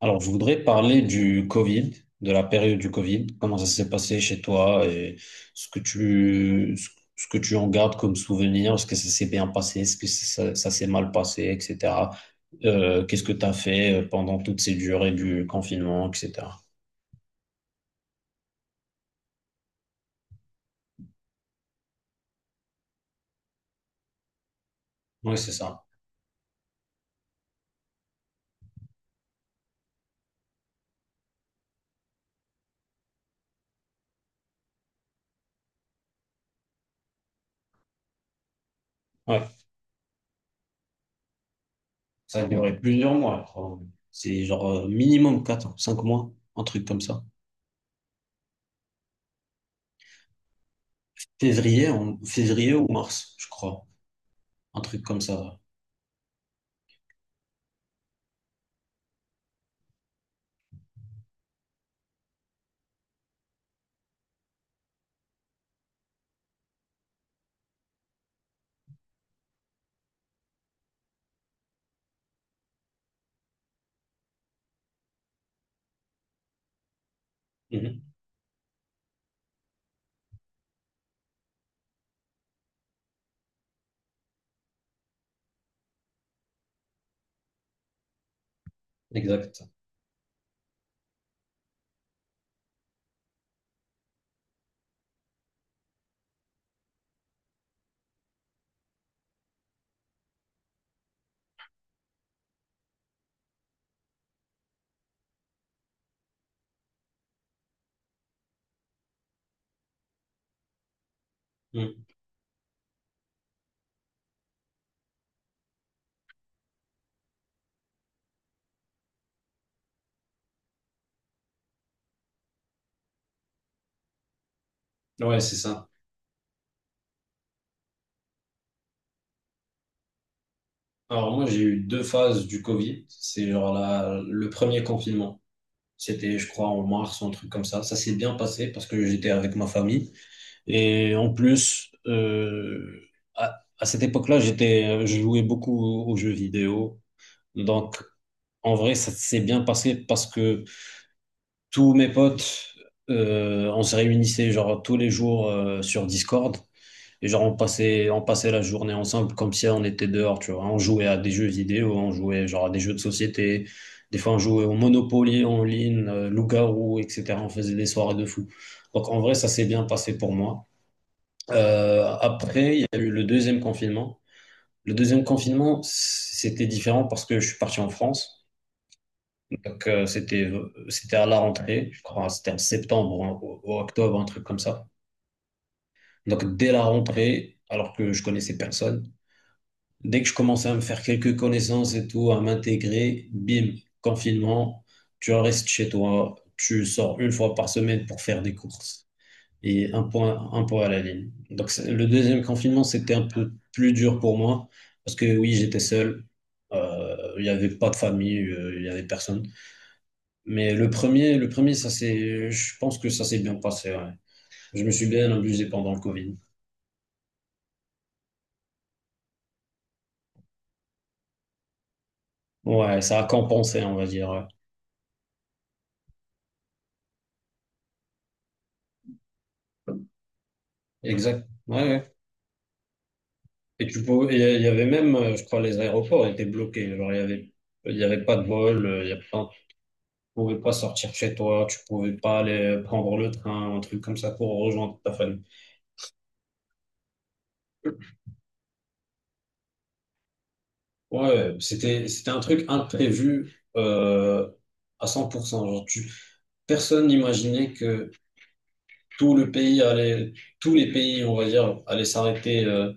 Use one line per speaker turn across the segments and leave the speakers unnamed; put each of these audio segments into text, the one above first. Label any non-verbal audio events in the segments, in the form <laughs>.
Alors, je voudrais parler du Covid, de la période du Covid, comment ça s'est passé chez toi et ce que tu, ce ce que tu en gardes comme souvenir, est-ce que ça s'est bien passé, est-ce que ça s'est mal passé, etc. Qu'est-ce que tu as fait pendant toutes ces durées du confinement, etc. Oui, c'est ça. Ouais. Ça a duré plusieurs mois, je crois. C'est genre minimum 4, 5 mois, un truc comme ça. Février, février ou mars, je crois. Un truc comme ça. Mhm. Exact. Mhm. Ouais, c'est ça. Alors moi j'ai eu deux phases du Covid. C'est genre le premier confinement. C'était je crois en mars ou un truc comme ça. Ça s'est bien passé parce que j'étais avec ma famille. Et en plus, à cette époque-là, je jouais beaucoup aux jeux vidéo. Donc en vrai ça s'est bien passé parce que tous mes potes, on se réunissait genre tous les jours sur Discord. Et genre, on passait la journée ensemble comme si on était dehors, tu vois. On jouait à des jeux vidéo, on jouait genre à des jeux de société. Des fois, on jouait au Monopoly en ligne, Loup-garou, etc. On faisait des soirées de fou. Donc, en vrai, ça s'est bien passé pour moi. Après, il y a eu le deuxième confinement. Le deuxième confinement, c'était différent parce que je suis parti en France. Donc, c'était à la rentrée, je crois, c'était en septembre, ou octobre, un truc comme ça. Donc, dès la rentrée, alors que je connaissais personne. Dès que je commençais à me faire quelques connaissances et tout, à m'intégrer, bim, confinement, tu restes chez toi, tu sors une fois par semaine pour faire des courses et un point à la ligne. Donc le deuxième confinement, c'était un peu plus dur pour moi parce que oui, j'étais seul, il n'y avait pas de famille, il n'y avait personne. Mais le premier, je pense que ça s'est bien passé. Ouais. Je me suis bien amusé pendant le Covid. Ouais, ça a compensé, on va dire. Ouais. Exact. Ouais, ouais. Et il y avait même, je crois, les aéroports étaient bloqués. Genre, il y avait pas de vol, il y a pas, tu pouvais pas sortir chez toi, tu pouvais pas aller prendre le train, un truc comme ça pour rejoindre ta famille. Ouais, c'était un truc imprévu, à 100%. Genre, personne n'imaginait que tout le pays allait, tous les pays, on va dire, allaient s'arrêter, euh,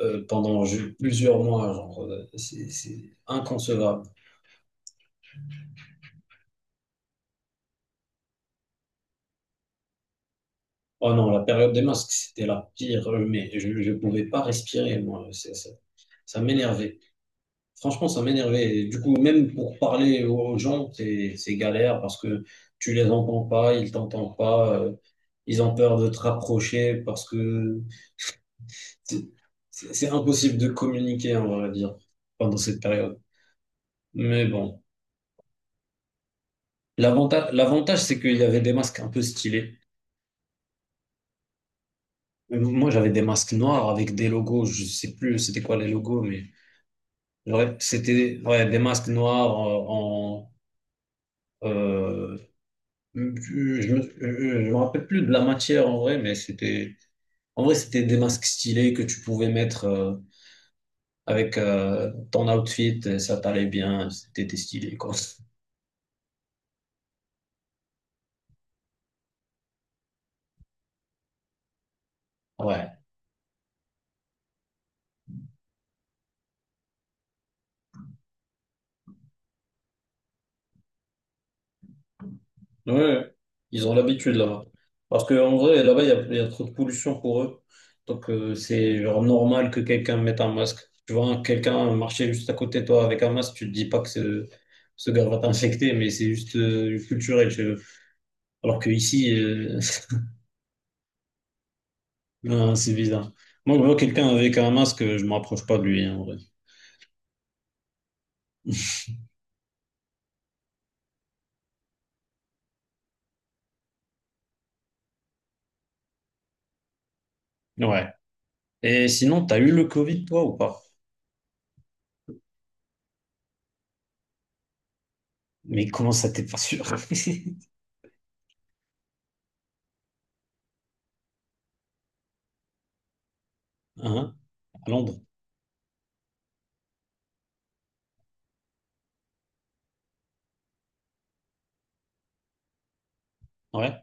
euh, pendant plusieurs mois. Genre, c'est inconcevable. Oh non, la période des masques, c'était la pire, mais je ne pouvais pas respirer, moi. Ça m'énervait. Franchement, ça m'énervait. Et du coup, même pour parler aux gens, c'est galère parce que tu les entends pas, ils t'entendent pas, ils ont peur de te rapprocher parce que c'est c'est impossible de communiquer, on va dire, pendant cette période. Mais bon, l'avantage, c'est qu'il y avait des masques un peu stylés. Moi, j'avais des masques noirs avec des logos, je sais plus c'était quoi les logos, mais. Ouais, c'était ouais, des masques noirs en. euh, je me, je me rappelle plus de la matière en vrai, mais c'était. En vrai, c'était des masques stylés que tu pouvais mettre avec ton outfit, ça t'allait bien, c'était stylé, quoi. Ouais. Ouais, ouais. Ils ont l'habitude là-bas. Parce qu'en vrai, là-bas, il y a trop de pollution pour eux. Donc, c'est genre normal que quelqu'un mette un masque. Tu vois, quelqu'un marcher juste à côté de toi avec un masque, tu te dis pas que ce gars va t'infecter, mais c'est juste culturel chez eux. Alors qu'ici, <laughs> non, c'est bizarre. Moi, je vois quelqu'un avec un masque, je ne m'approche pas de lui, hein, en vrai. Ouais. Et sinon, t'as eu le Covid, toi, ou pas? Mais comment ça, t'es pas sûr? <laughs> Hein? À Londres. Ouais.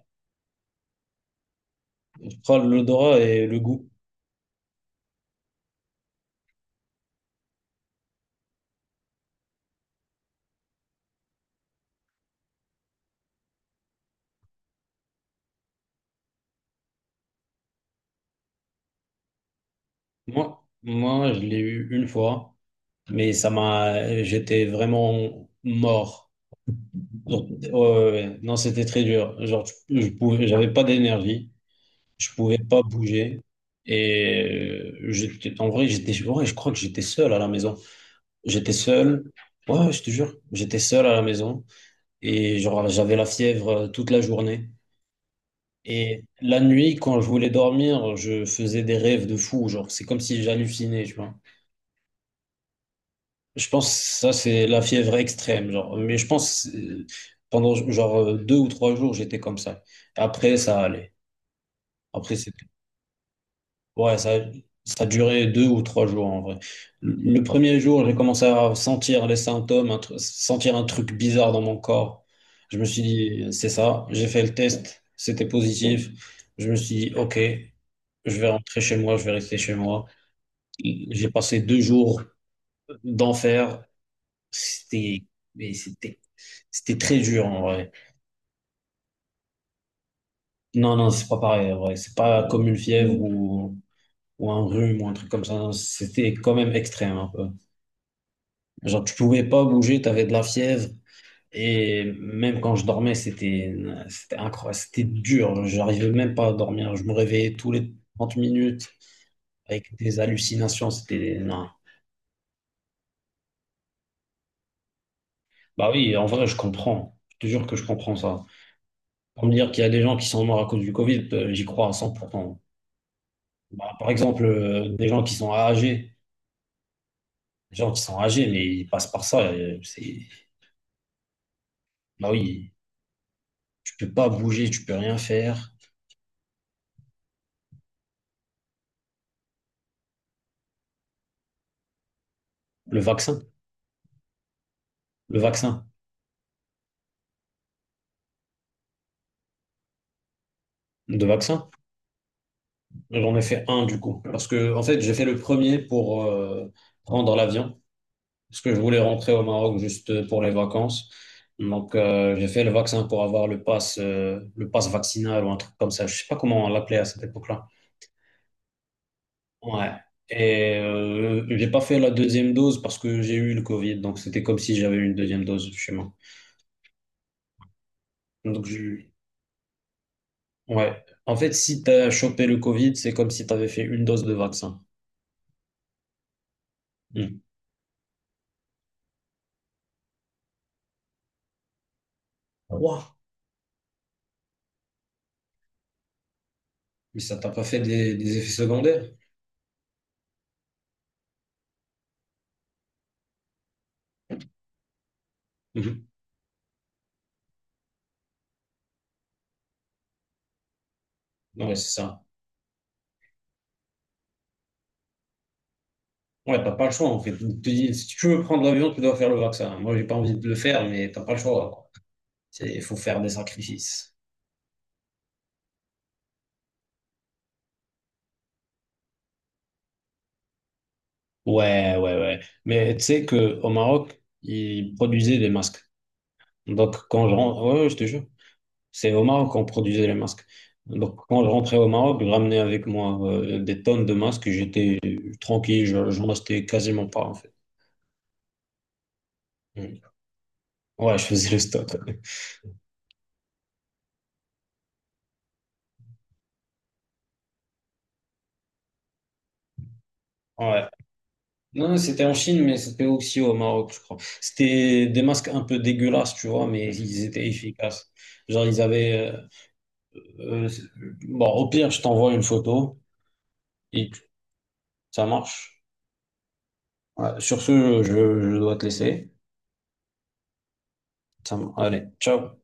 Je crois que l'odorat et le goût. Moi, je l'ai eu une fois, mais j'étais vraiment mort. Donc, ouais, ouais, ouais. Non, c'était très dur. Genre, j'avais pas d'énergie, je pouvais pas bouger. Et j'étais, en vrai, j'étais, ouais, je crois que j'étais seul à la maison. J'étais seul. Ouais, je te jure, j'étais seul à la maison. Et genre, j'avais la fièvre toute la journée. Et la nuit, quand je voulais dormir, je faisais des rêves de fou. Genre, c'est comme si j'hallucinais, tu vois. Je pense que ça, c'est la fièvre extrême. Genre. Mais je pense pendant genre 2 ou 3 jours, j'étais comme ça. Après, ça allait. Après, c'était. Ouais, ça durait 2 ou 3 jours en vrai. Le premier jour, j'ai commencé à sentir les symptômes, sentir un truc bizarre dans mon corps. Je me suis dit, c'est ça. J'ai fait le test, c'était positif. Je me suis dit, OK, je vais rentrer chez moi, je vais rester chez moi. J'ai passé 2 jours d'enfer. C'était, mais c'était très dur en vrai. Non, non, c'est pas pareil en vrai. C'est pas comme une fièvre ou un rhume ou un truc comme ça. Non, c'était quand même extrême un peu. Genre, tu pouvais pas bouger, t'avais de la fièvre. Et même quand je dormais, c'était incroyable. C'était dur. J'arrivais même pas à dormir. Je me réveillais tous les 30 minutes avec des hallucinations. C'était, non. Bah oui, en vrai, je comprends. Je te jure que je comprends ça. Pour me dire qu'il y a des gens qui sont morts à cause du Covid, j'y crois à 100%. Bah, par exemple, des gens qui sont âgés, des gens qui sont âgés, mais ils passent par ça. Bah oui, tu peux pas bouger, tu peux rien faire. Le vaccin, le vaccin, de vaccin, j'en ai fait un du coup. Parce que, en fait, j'ai fait le premier pour prendre l'avion, parce que je voulais rentrer au Maroc juste pour les vacances. Donc, j'ai fait le vaccin pour avoir le pass vaccinal ou un truc comme ça. Je sais pas comment on l'appelait à cette époque-là. Ouais. Et j'ai pas fait la deuxième dose parce que j'ai eu le Covid, donc c'était comme si j'avais eu une deuxième dose chez moi. Donc je... ouais. En fait, si t'as chopé le Covid, c'est comme si t'avais fait une dose de vaccin. Hmm. Ouah. Mais ça t'a pas fait des effets secondaires? Mhm. Ouais, c'est ça. Ouais, t'as pas le choix en fait. Tu te dis, si tu veux prendre l'avion, tu dois faire le vaccin. Moi, j'ai pas envie de le faire, mais t'as pas le choix, quoi. Il faut faire des sacrifices. Ouais, ouais, ouais. Mais tu sais que au Maroc, ils produisaient des masques. Donc, quand je rentre, ouais, ouais, je te jure, c'est au Maroc qu'on produisait les masques. Donc, quand je rentrais au Maroc, je ramenais avec moi des tonnes de masques. J'étais tranquille, j'en achetais quasiment pas, en fait. Mm. Ouais, je faisais le stock. Ouais. Non, c'était en Chine, mais c'était aussi au Maroc, je crois. C'était des masques un peu dégueulasses, tu vois, mais ils étaient efficaces. Genre, ils avaient. euh, euh, bon, au pire, je t'envoie une photo et ça marche. Ouais, sur ce, je dois te laisser. Allez, ciao.